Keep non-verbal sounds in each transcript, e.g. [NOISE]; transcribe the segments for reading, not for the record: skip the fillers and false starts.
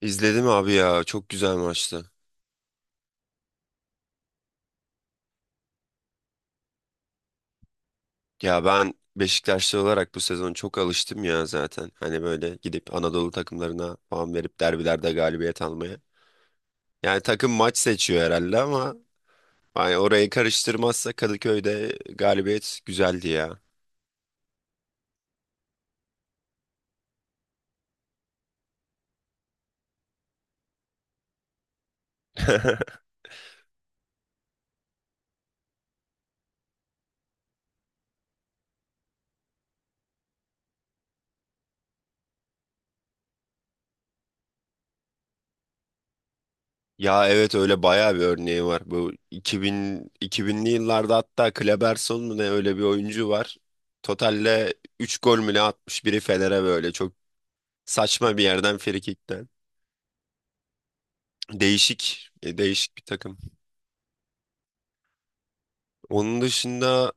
İzledim abi ya, çok güzel maçtı. Ya ben Beşiktaşlı olarak bu sezon çok alıştım ya zaten. Hani böyle gidip Anadolu takımlarına puan verip derbilerde galibiyet almaya. Yani takım maç seçiyor herhalde, ama hani orayı karıştırmazsa Kadıköy'de galibiyet güzeldi ya. [LAUGHS] Ya evet, öyle bayağı bir örneği var. Bu 2000, 2000'li yıllarda hatta Kleberson mu ne, öyle bir oyuncu var. Totalle 3 gol mü ne atmış biri Fener'e, böyle çok saçma bir yerden, frikikten. Değişik bir takım. Onun dışında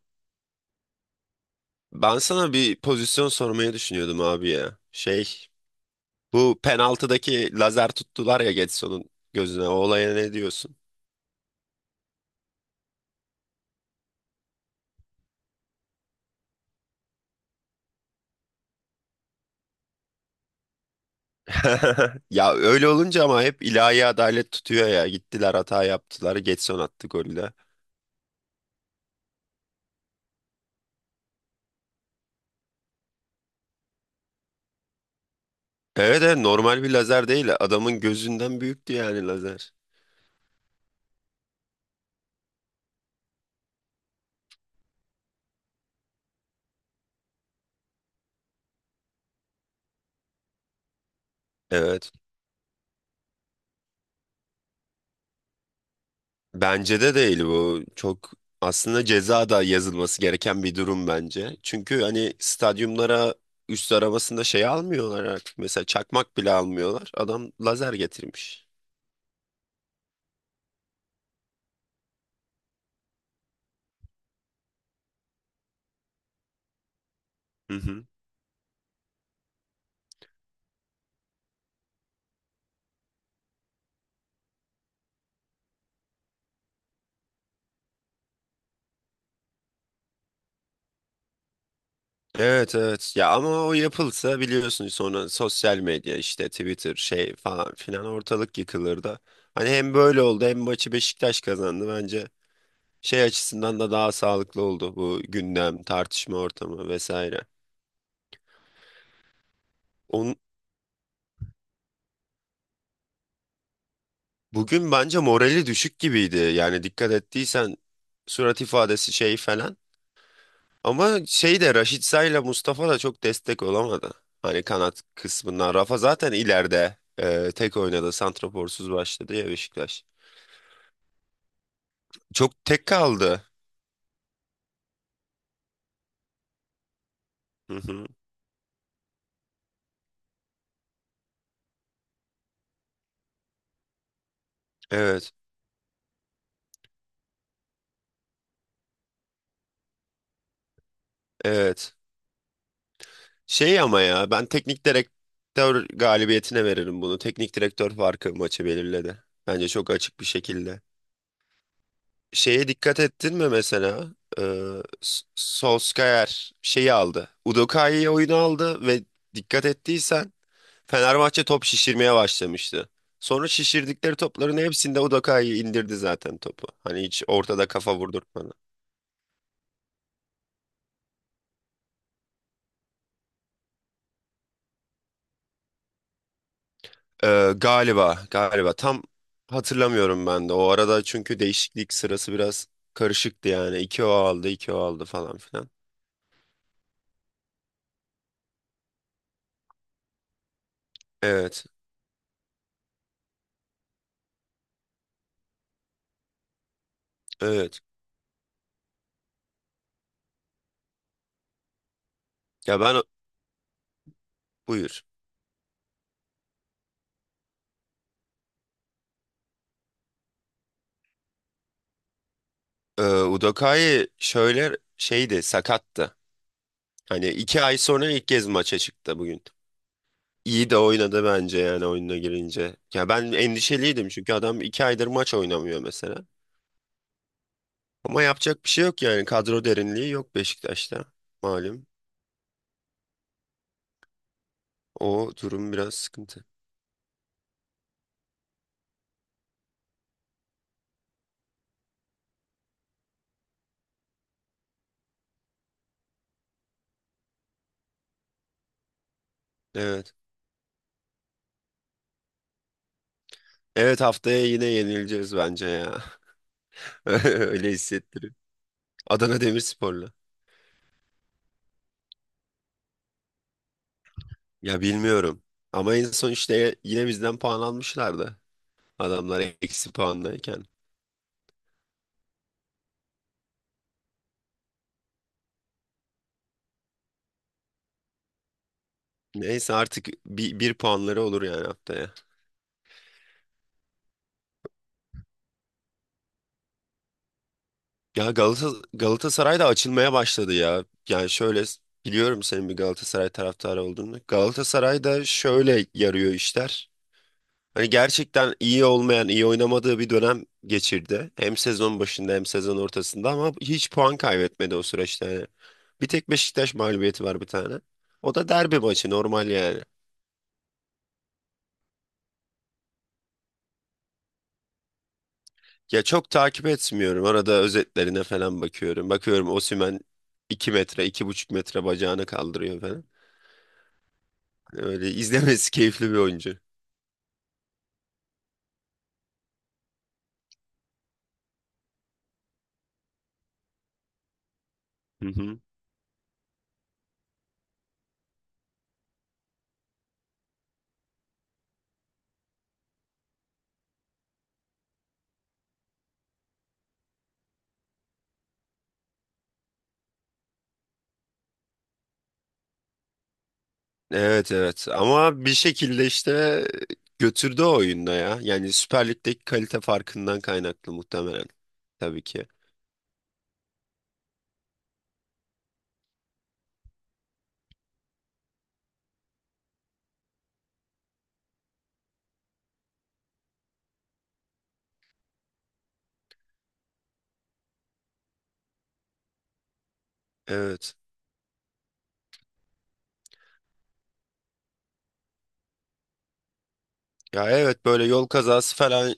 ben sana bir pozisyon sormayı düşünüyordum abi ya. Şey, bu penaltıdaki lazer tuttular ya Getson'un gözüne. O olaya ne diyorsun? [LAUGHS] Ya öyle olunca ama hep ilahi adalet tutuyor ya. Gittiler, hata yaptılar. Getson attı golü de. Evet, evet, normal bir lazer değil. Adamın gözünden büyüktü yani lazer. Evet. Bence de değil bu. Çok aslında ceza da yazılması gereken bir durum bence. Çünkü hani stadyumlara üst arabasında şey almıyorlar artık. Mesela çakmak bile almıyorlar. Adam lazer getirmiş. Hı hı. Evet, evet. Ya ama o yapılsa, biliyorsun, sonra sosyal medya işte Twitter şey falan filan, ortalık yıkılır da. Hani hem böyle oldu, hem maçı Beşiktaş kazandı bence. Şey açısından da daha sağlıklı oldu bu gündem, tartışma ortamı vesaire. Onun, Bugün bence morali düşük gibiydi. Yani dikkat ettiysen surat ifadesi şey falan. Ama şey de, Raşitsa ile Mustafa da çok destek olamadı. Hani kanat kısmından. Rafa zaten ileride tek oynadı. Santraforsuz başladı ya Beşiktaş. Çok tek kaldı. Hı hı. Evet. Evet. Şey ama, ya, ben teknik direktör galibiyetine veririm bunu. Teknik direktör farkı maçı belirledi. Bence çok açık bir şekilde. Şeye dikkat ettin mi mesela? Ee, Solskjaer şeyi aldı. Udoka'yı oyunu aldı ve dikkat ettiysen Fenerbahçe top şişirmeye başlamıştı. Sonra şişirdikleri topların hepsinde Udoka'yı indirdi zaten topu. Hani hiç ortada kafa vurdurtmadı. Galiba, galiba. Tam hatırlamıyorum ben de. O arada çünkü değişiklik sırası biraz karışıktı yani. İki o aldı, iki o aldı falan filan. Evet, evet. Ya ben... Buyur. Udokai şöyle şeydi, sakattı. Hani 2 ay sonra ilk kez maça çıktı bugün. İyi de oynadı bence, yani oyuna girince. Ya ben endişeliydim çünkü adam 2 aydır maç oynamıyor mesela. Ama yapacak bir şey yok, yani kadro derinliği yok Beşiktaş'ta, malum. O durum biraz sıkıntı. Evet. Evet, haftaya yine yenileceğiz bence ya. [LAUGHS] Öyle hissettiriyor. Adana Demirspor'la. Ya bilmiyorum. Ama en son işte yine bizden puan almışlardı. Adamlar eksi puandayken. Neyse artık bir puanları olur yani haftaya. Ya Galatasaray da açılmaya başladı ya. Yani şöyle, biliyorum senin bir Galatasaray taraftarı olduğunu. Galatasaray da şöyle yarıyor işler. Hani gerçekten iyi olmayan, iyi oynamadığı bir dönem geçirdi. Hem sezon başında hem sezon ortasında, ama hiç puan kaybetmedi o süreçte. Yani bir tek Beşiktaş mağlubiyeti var, bir tane. O da derbi maçı, normal yani. Ya çok takip etmiyorum. Arada özetlerine falan bakıyorum. Bakıyorum Osimhen 2 metre, 2,5 metre bacağını kaldırıyor falan. Öyle izlemesi [LAUGHS] keyifli bir oyuncu. Hı hı. Evet, evet, ama bir şekilde işte götürdü o oyunda ya. Yani Süper Lig'deki kalite farkından kaynaklı muhtemelen. Tabii ki. Evet. Ya evet, böyle yol kazası falan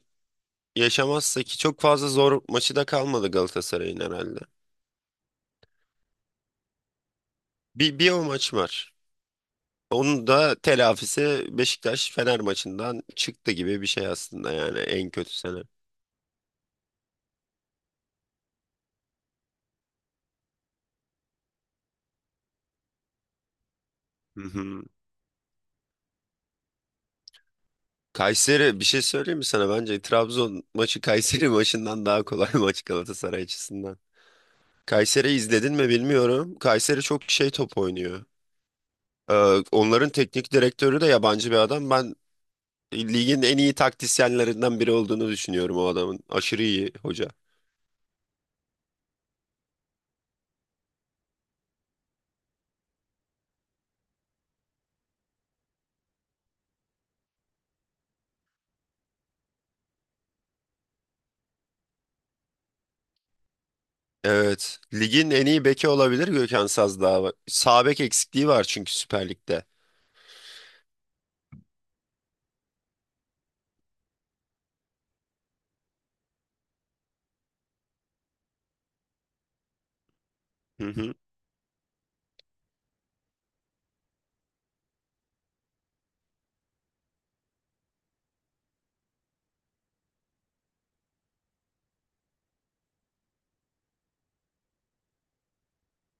yaşamazsa, ki çok fazla zor maçı da kalmadı Galatasaray'ın herhalde. Bir o maç var. Onun da telafisi Beşiktaş-Fener maçından çıktı gibi bir şey aslında, yani en kötü sene. Hı hı. Kayseri, bir şey söyleyeyim mi sana? Bence Trabzon maçı Kayseri [LAUGHS] maçından daha kolay [LAUGHS] maç Galatasaray açısından. Kayseri izledin mi bilmiyorum. Kayseri çok şey, top oynuyor. Ee, Onların teknik direktörü de yabancı bir adam. Ben ligin en iyi taktisyenlerinden biri olduğunu düşünüyorum o adamın. Aşırı iyi hoca. Evet. Ligin en iyi beki olabilir Gökhan Sazdağ. Sağ bek eksikliği var çünkü Süper Lig'de. Hı hı.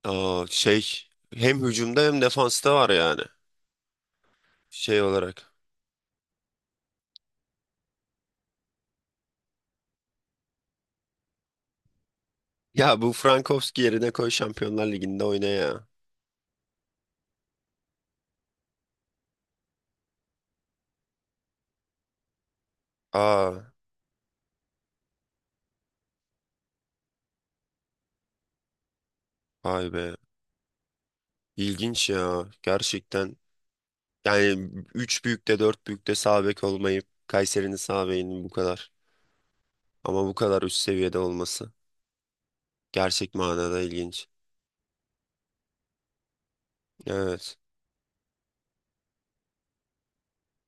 Aa, şey, hem hücumda hem defansta var yani şey olarak. Ya bu Frankowski yerine koy Şampiyonlar Ligi'nde oyna ya. Aa, vay be. İlginç ya, gerçekten. Yani 3 büyükte, 4 büyükte sağ bek olmayıp Kayseri'nin sağ bekinin bu kadar. Ama bu kadar üst seviyede olması gerçek manada ilginç. Evet.